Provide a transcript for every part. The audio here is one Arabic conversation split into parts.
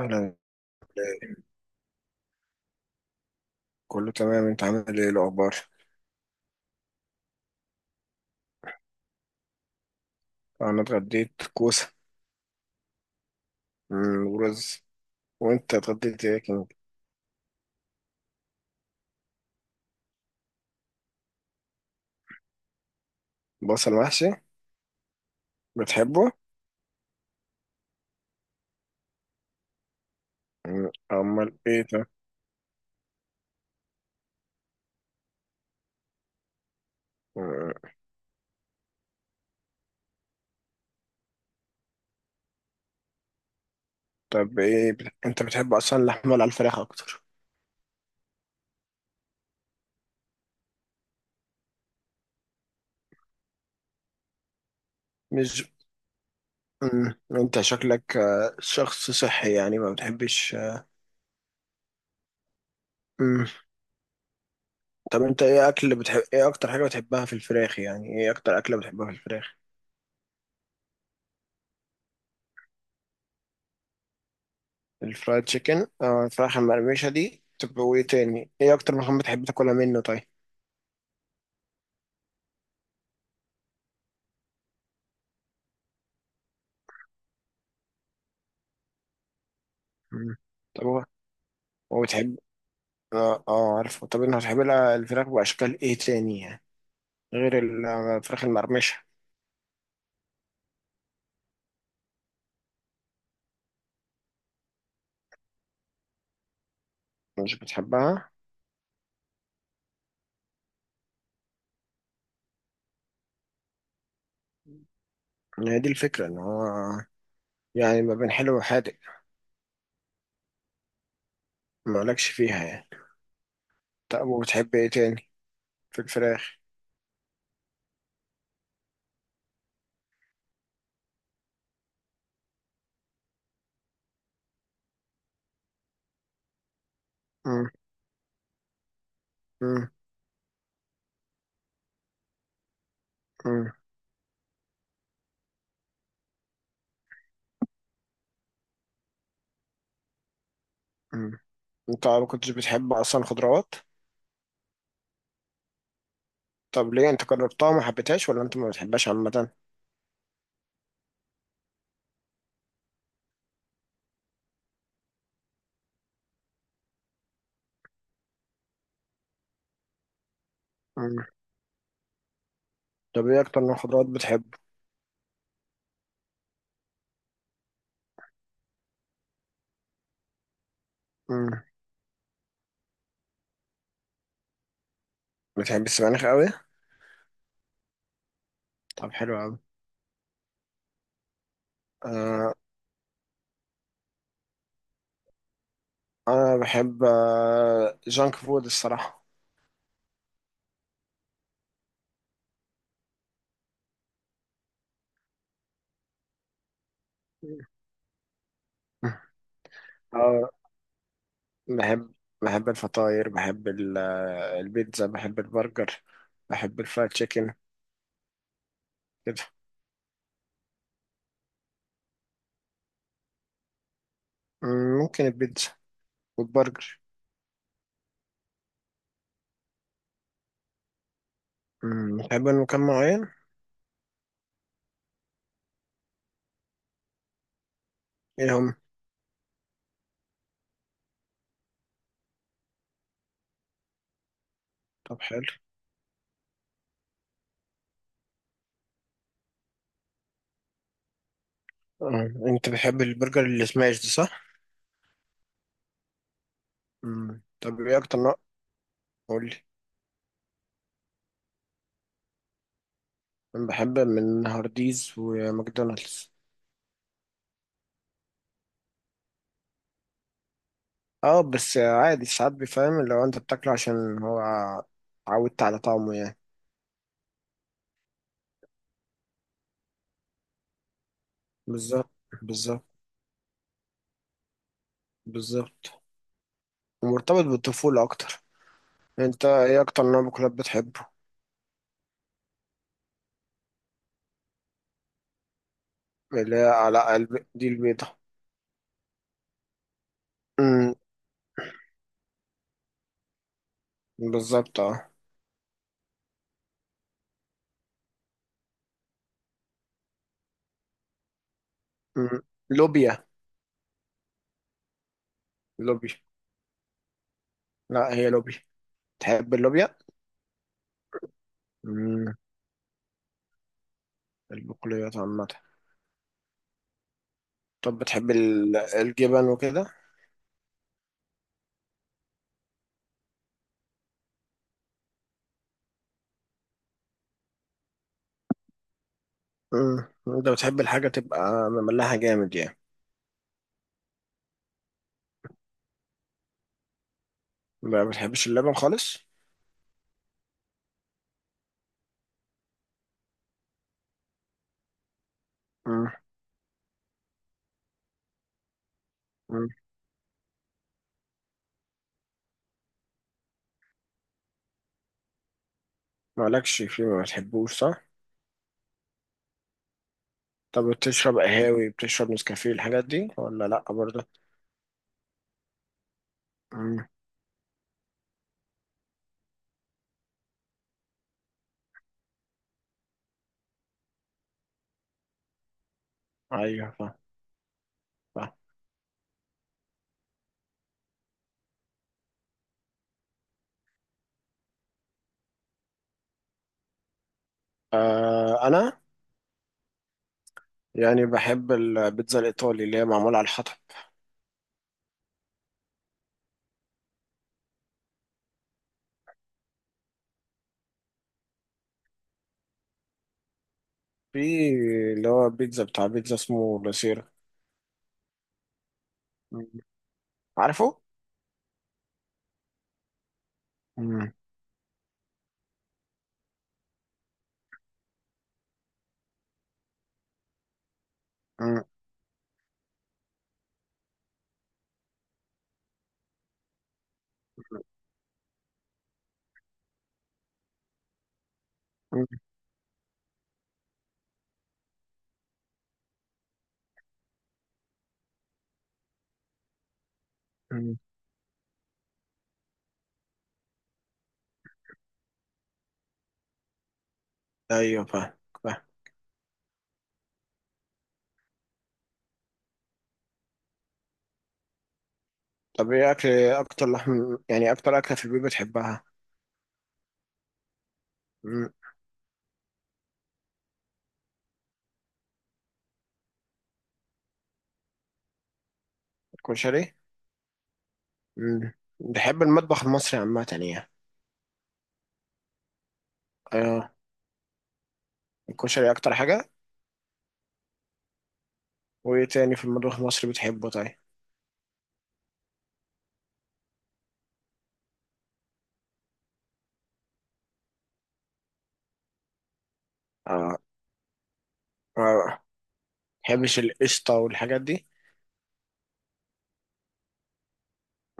أهلا. كله تمام. أنت عامل إيه الأخبار؟ أنا اتغديت كوسة، ورز. وأنت اتغديت إيه كان؟ بصل محشي. بتحبه؟ أمال إيه ده؟ مم. طب إيه، أنت بتحب أصلا اللحمة ولا الفراخ أكتر؟ مش. مم، أنت شكلك شخص صحي يعني ما بتحبش. مم، طب أنت إيه أكل بتحب، إيه أكتر حاجة بتحبها في الفراخ؟ يعني إيه أكتر أكلة بتحبها في الفراخ؟ الفرايد تشيكن أو الفراخ المقرمشة دي. طب وإيه تاني؟ إيه أكتر مكان بتحب تاكلها منه طيب؟ مم. طب هو، بتحب، اه، اه، عارفه. طب انت بتحب لها الفراخ باشكال ايه تاني يعني، غير الفراخ المقرمشه؟ مش بتحبها؟ هي دي الفكره، ان هو يعني ما بين حلو وحادق. مالكش فيها يعني. طب وبتحب ايه تاني في الفراخ؟ مم. مم. مم. مم. انت ما كنتش بتحب اصلا خضروات؟ طب ليه، انت جربتها وما حبيتهاش ولا انت ما بتحبهاش عامه؟ مم. طب ايه اكتر نوع خضروات بتحب؟ مم. بتحب السبانخ قوي؟ طب حلو قوي. انا بحب جانك فود الصراحه. اه. بحب بحب الفطاير، بحب البيتزا، بحب البرجر، بحب الفرايد تشيكن كده. مم، ممكن البيتزا والبرجر. بتحب مكان معين؟ ايه هم؟ طب حلو. آه، انت بتحب البرجر اللي سماش ده صح؟ مم. طب ايه اكتر نوع، قول لي. انا بحب من هارديز وماكدونالدز. اه، بس عادي ساعات بيفهم لو انت بتاكله، عشان هو عودت على طعمه يعني. بالظبط. بالظبط. بالظبط. ومرتبط بالطفولة أكتر. أنت إيه أكتر نوع مكلاب بتحبه؟ اللي هي على قلب دي، البيضة؟ أمم. بالظبط، أه. أمم. لوبيا. لوبيا. لا، هي لوبيا. تحب اللوبيا؟ أمم. البقوليات عامة. طب بتحب الجبن وكده؟ أمم. أنت بتحب الحاجة تبقى مملحة جامد يعني؟ ما بتحبش اللبن خالص؟ أمم. أمم. مالكش فيه، ما بتحبوش صح؟ طب بتشرب قهاوي، بتشرب نسكافيه، الحاجات دي ولا لأ برضه؟ مم. ايوه، فاهم. فاهم. آه، انا يعني بحب البيتزا الايطالي اللي هي معموله على الحطب. في اللي هو بيتزا، بتاع بيتزا اسمه لاسيرا. مم. عارفه. مم. مم. مم. مم. ايوه، فاهم. فاهم. طب ايه اكل، اكتر لحم يعني، اكتر اكله في البيت بتحبها؟ مم. الكشري. مم. بحب المطبخ المصري عامه يعني. اه. الكشري اكتر حاجه. وايه تاني في المطبخ المصري بتحبه طيب؟ اه. اه، ما بحبش القشطه والحاجات دي.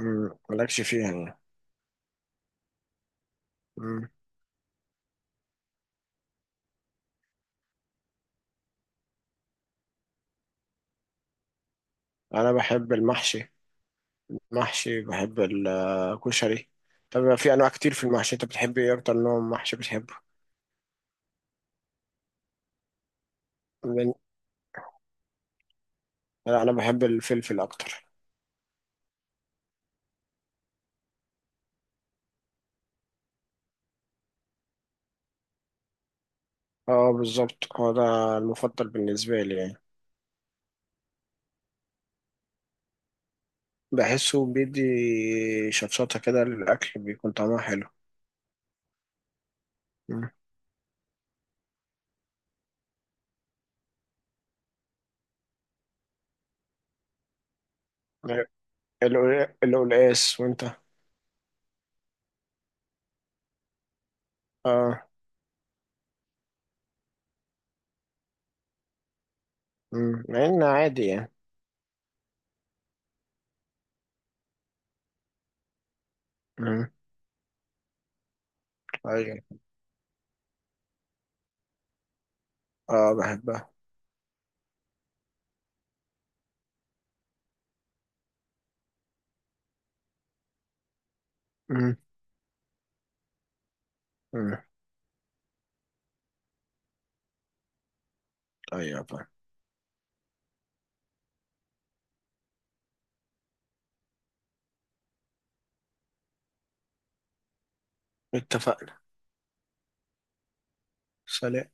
مم، مالكش فيها يعني. مم. انا بحب المحشي. محشي. بحب الكشري. طب في انواع كتير في المحشي، انت بتحب ايه، اكتر نوع محشي بتحبه؟ من- لا، انا بحب الفلفل اكتر. اه، بالظبط هو ده المفضل بالنسبه لي يعني. بحسه بيدي شطشطه كده للاكل، بيكون طعمها حلو. مم. القلقاس. وانت؟ اه. مم. مع انه عادي يعني. مم. ايوه. اه، بحبها. مم. مم. ايوه، طيب. اتفقنا. سلام.